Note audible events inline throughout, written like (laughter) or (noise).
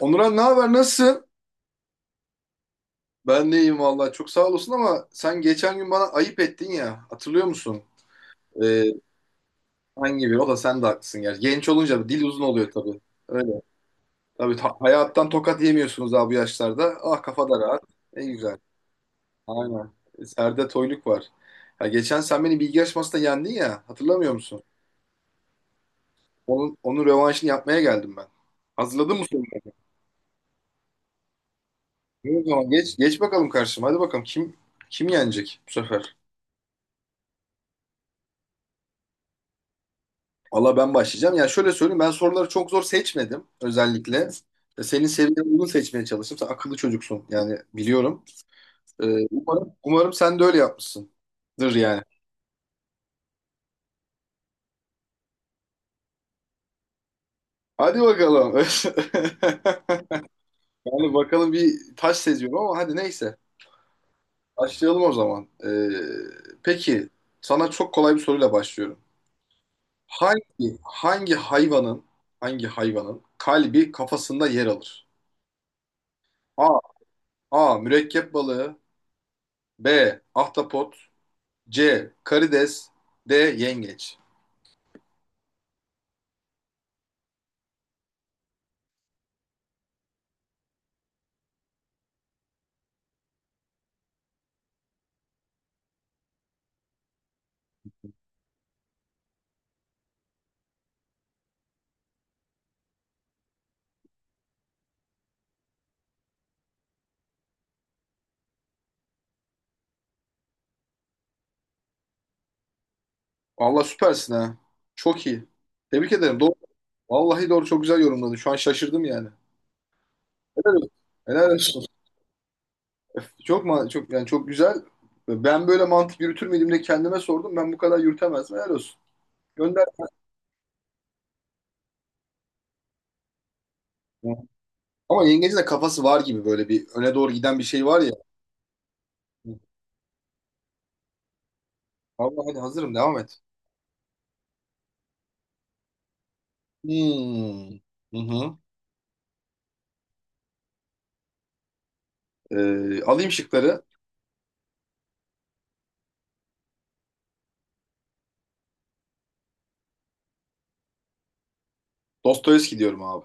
Onuran, ne haber, nasılsın? Ben de iyiyim vallahi, çok sağ olasın, ama sen geçen gün bana ayıp ettin ya, hatırlıyor musun? Ee, hangi bir o da, sen de haklısın gerçi. Genç olunca dil uzun oluyor tabii. Öyle. Tabii hayattan tokat yemiyorsunuz abi, bu yaşlarda. Ah, kafa da rahat. Ne güzel. Aynen. Serde toyluk var. Ya geçen sen beni bilgi yarışmasında yendin ya, hatırlamıyor musun? Onun rövanşını yapmaya geldim ben. Hazırladın mı soruları? İyi. O zaman geç bakalım karşıma. Hadi bakalım, kim yenecek bu sefer? Valla ben başlayacağım. Ya şöyle söyleyeyim, ben soruları çok zor seçmedim özellikle. Senin seviyene uygun seçmeye çalıştım. Sen akıllı çocuksun, yani biliyorum. Umarım, sen de öyle yapmışsındır yani. Hadi bakalım. (laughs) Yani bakalım, bir taş seziyorum ama hadi neyse. Başlayalım o zaman. Peki, sana çok kolay bir soruyla başlıyorum. Hangi hangi hayvanın hangi hayvanın kalbi kafasında yer alır? A. Mürekkep balığı. B. Ahtapot. C. Karides. D. Yengeç. Allah, süpersin ha. Çok iyi. Tebrik ederim. Doğru. Vallahi doğru, çok güzel yorumladın. Şu an şaşırdım yani. Helal olsun. Helal olsun. Çok ma çok, yani çok güzel. Ben böyle mantık yürütür müydüm de kendime sordum. Ben bu kadar yürütemezdim. Helal olsun. Gönder. Ama yengecin de kafası var gibi, böyle bir öne doğru giden bir şey var ya. Allah, hadi hazırım, devam et. Hmm. Hı hı. Alayım şıkları. Dostoyevski diyorum abi.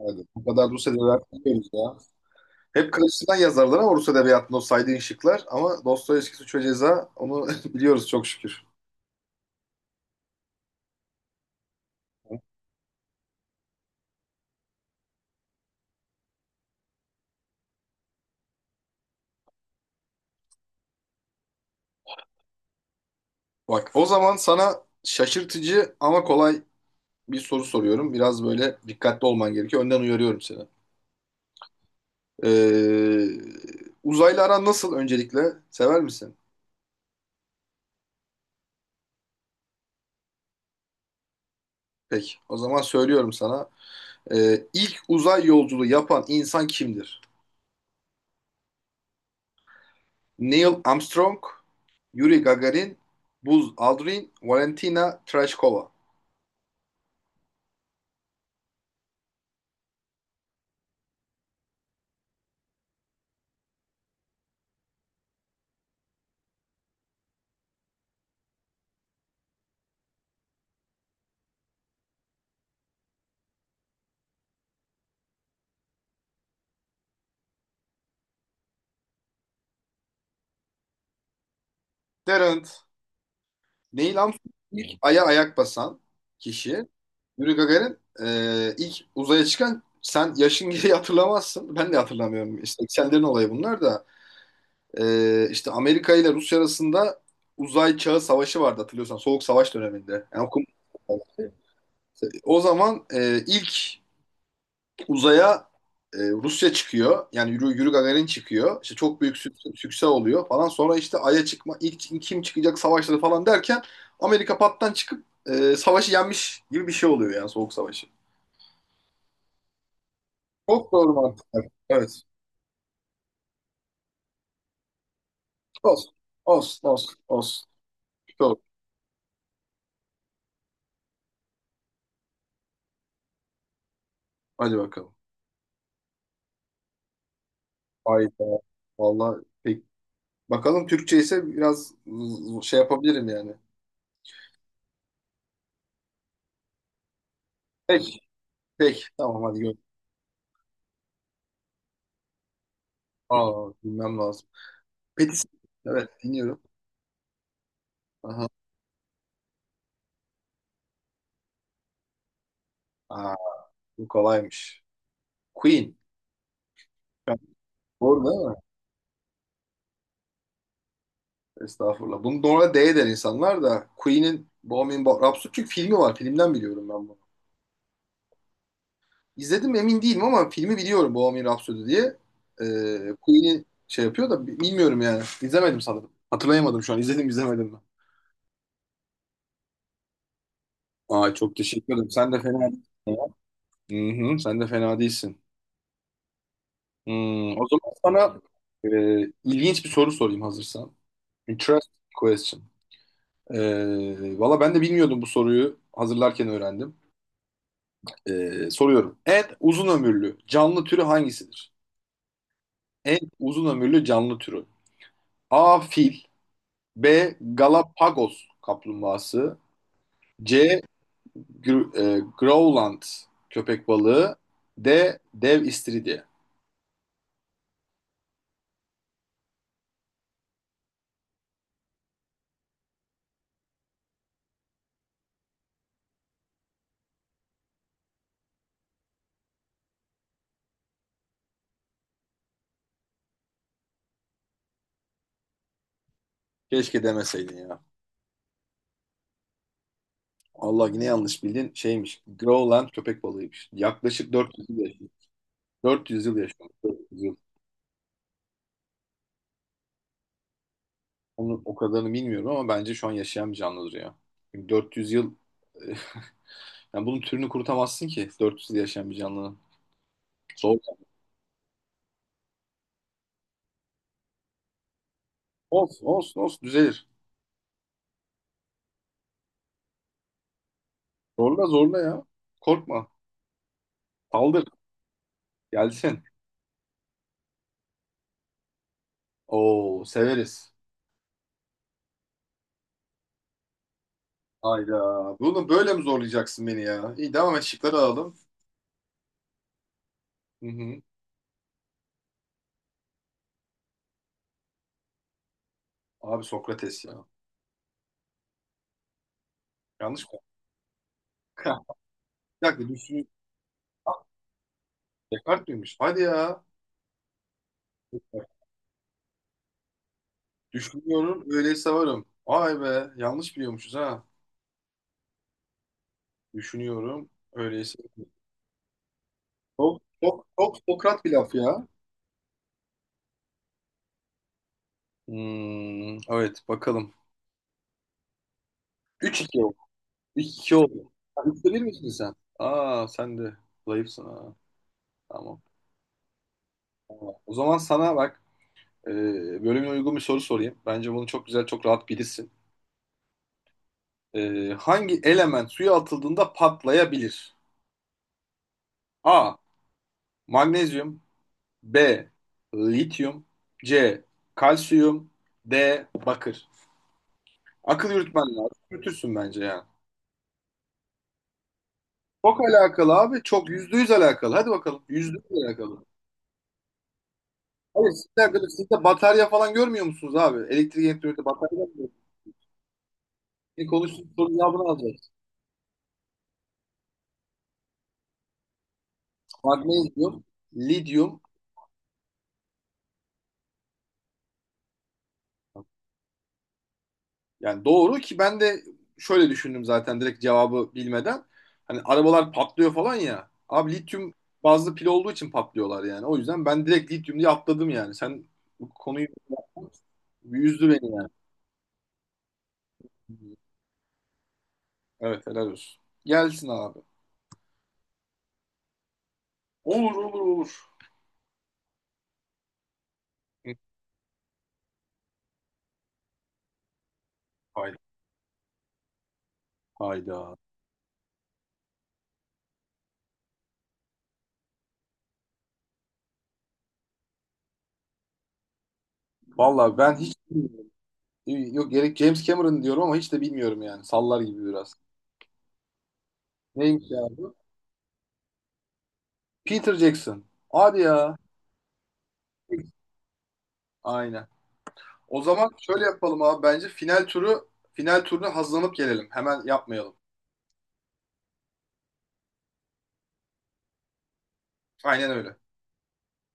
Hadi. Bu kadar Rusya vermiyoruz ya. Hep karşısından yazarlar ama Rus edebiyatında, o saydığın şıklar. Ama Dostoyevski Suç ve Ceza, onu (laughs) biliyoruz çok şükür. Bak, o zaman sana şaşırtıcı ama kolay bir soru soruyorum. Biraz böyle dikkatli olman gerekiyor. Önden uyarıyorum seni. Ee, Uzaylı aran nasıl öncelikle? Sever misin? Peki, o zaman söylüyorum sana. İlk uzay yolculuğu yapan insan kimdir? Neil Armstrong, Yuri Gagarin, Buzz Aldrin, Valentina Tereshkova. Derent. Neil, Ay'a ayak basan kişi. Yuri Gagarin, ilk uzaya çıkan. Sen yaşın gereği hatırlamazsın. Ben de hatırlamıyorum. İşte 80'lerin olayı bunlar da. E, işte Amerika ile Rusya arasında uzay çağı savaşı vardı, hatırlıyorsan. Soğuk savaş döneminde. Yani o zaman ilk uzaya Rusya çıkıyor. Yani Yuri Gagarin çıkıyor. İşte çok büyük sükse oluyor falan. Sonra işte Ay'a çıkma, ilk kim çıkacak savaşları falan derken, Amerika pattan çıkıp savaşı yenmiş gibi bir şey oluyor, yani Soğuk Savaşı. Çok doğru mantıklar. Evet. Olsun. Olsun. Olsun. Olsun. Doğru. Hadi bakalım. Hayda. Vallahi pek. Bakalım, Türkçe ise biraz şey yapabilirim yani. Pek. Pek. Tamam, hadi gör. Aa, bilmem lazım. Petis. Evet, dinliyorum. Aha. Aa. Bu kolaymış. Queen. Yani, doğru değil mi? Estağfurullah. Bunu doğru D der insanlar, da Queen'in Bohemian Rhapsody, çünkü filmi var. Filmden biliyorum ben bunu. İzledim mi emin değilim ama filmi biliyorum, Bohemian Rhapsody diye. Queen'i şey yapıyor da bilmiyorum yani. İzlemedim sanırım. Hatırlayamadım şu an. İzledim izlemedim mi? Aa, çok teşekkür ederim. Sen de fena değilsin. Hı hı, sen de fena değilsin. O zaman sana ilginç bir soru sorayım hazırsan. Interesting question. Valla ben de bilmiyordum bu soruyu. Hazırlarken öğrendim. Soruyorum. En uzun ömürlü canlı türü hangisidir? En uzun ömürlü canlı türü. A. Fil. B. Galapagos kaplumbağası. C. Growland köpek balığı. D. Dev istiridye. Keşke demeseydin ya. Allah, yine yanlış bildin. Şeymiş. Growland köpek balığıymış. Yaklaşık 400 yıl yaşıyor. 400 yıl yaşıyor. O kadarını bilmiyorum ama bence şu an yaşayan bir canlıdır ya. Çünkü 400 yıl (laughs) yani, bunun türünü kurutamazsın ki, 400 yıl yaşayan bir canlının. Zor. Olsun olsun olsun, düzelir. Zorla zorla ya. Korkma. Saldır. Gelsin. Oo, severiz. Hayda. Bunu böyle mi zorlayacaksın beni ya? İyi, devam et, şıkları alalım. Hı hı. Abi Sokrates ya. Yanlış mı? (laughs) Ha, bir dakika düşün. Descartes miymiş? Hadi ya. Düşünüyorum öyleyse varım. Vay be, yanlış biliyormuşuz ha. Düşünüyorum öyleyse. Çok, çok, çok Sokrat bir laf ya. Hmm, evet bakalım. Üç iki oldu. Üç iki oldu. 3'te 1 misin sen? Aa, sen de zayıfsın ha. Tamam. Tamam. O zaman sana bak, e, bölümüne uygun bir soru sorayım. Bence bunu çok güzel, çok rahat bilirsin. Hangi element suya atıldığında patlayabilir? A. Magnezyum. B. Lityum. C. Kalsiyum. D. Bakır. Akıl yürütmen lazım. Yürütürsün bence yani. Çok alakalı abi. Çok, yüzde yüz alakalı. Hadi bakalım. Yüzde yüz alakalı. Abi, sizle alakalı. Siz de batarya falan görmüyor musunuz abi? Elektrik elektronikte batarya mı? Bir konuştuk, soru cevabını alacağız. Magnezyum, lityum. Yani doğru, ki ben de şöyle düşündüm zaten direkt, cevabı bilmeden. Hani arabalar patlıyor falan ya. Abi lityum bazlı pil olduğu için patlıyorlar yani. O yüzden ben direkt lityum diye atladım yani. Sen bu konuyu yüzdü beni yani. Evet, helal olsun. Gelsin abi. Olur olur olur. Hayda. Hayda. Valla ben hiç bilmiyorum. Yok gerek, James Cameron diyorum ama hiç de bilmiyorum yani. Sallar gibi biraz. Neymiş ya bu? Peter Jackson. Hadi ya. Aynen. O zaman şöyle yapalım abi, bence final turu, final turuna hazırlanıp gelelim. Hemen yapmayalım. Aynen öyle.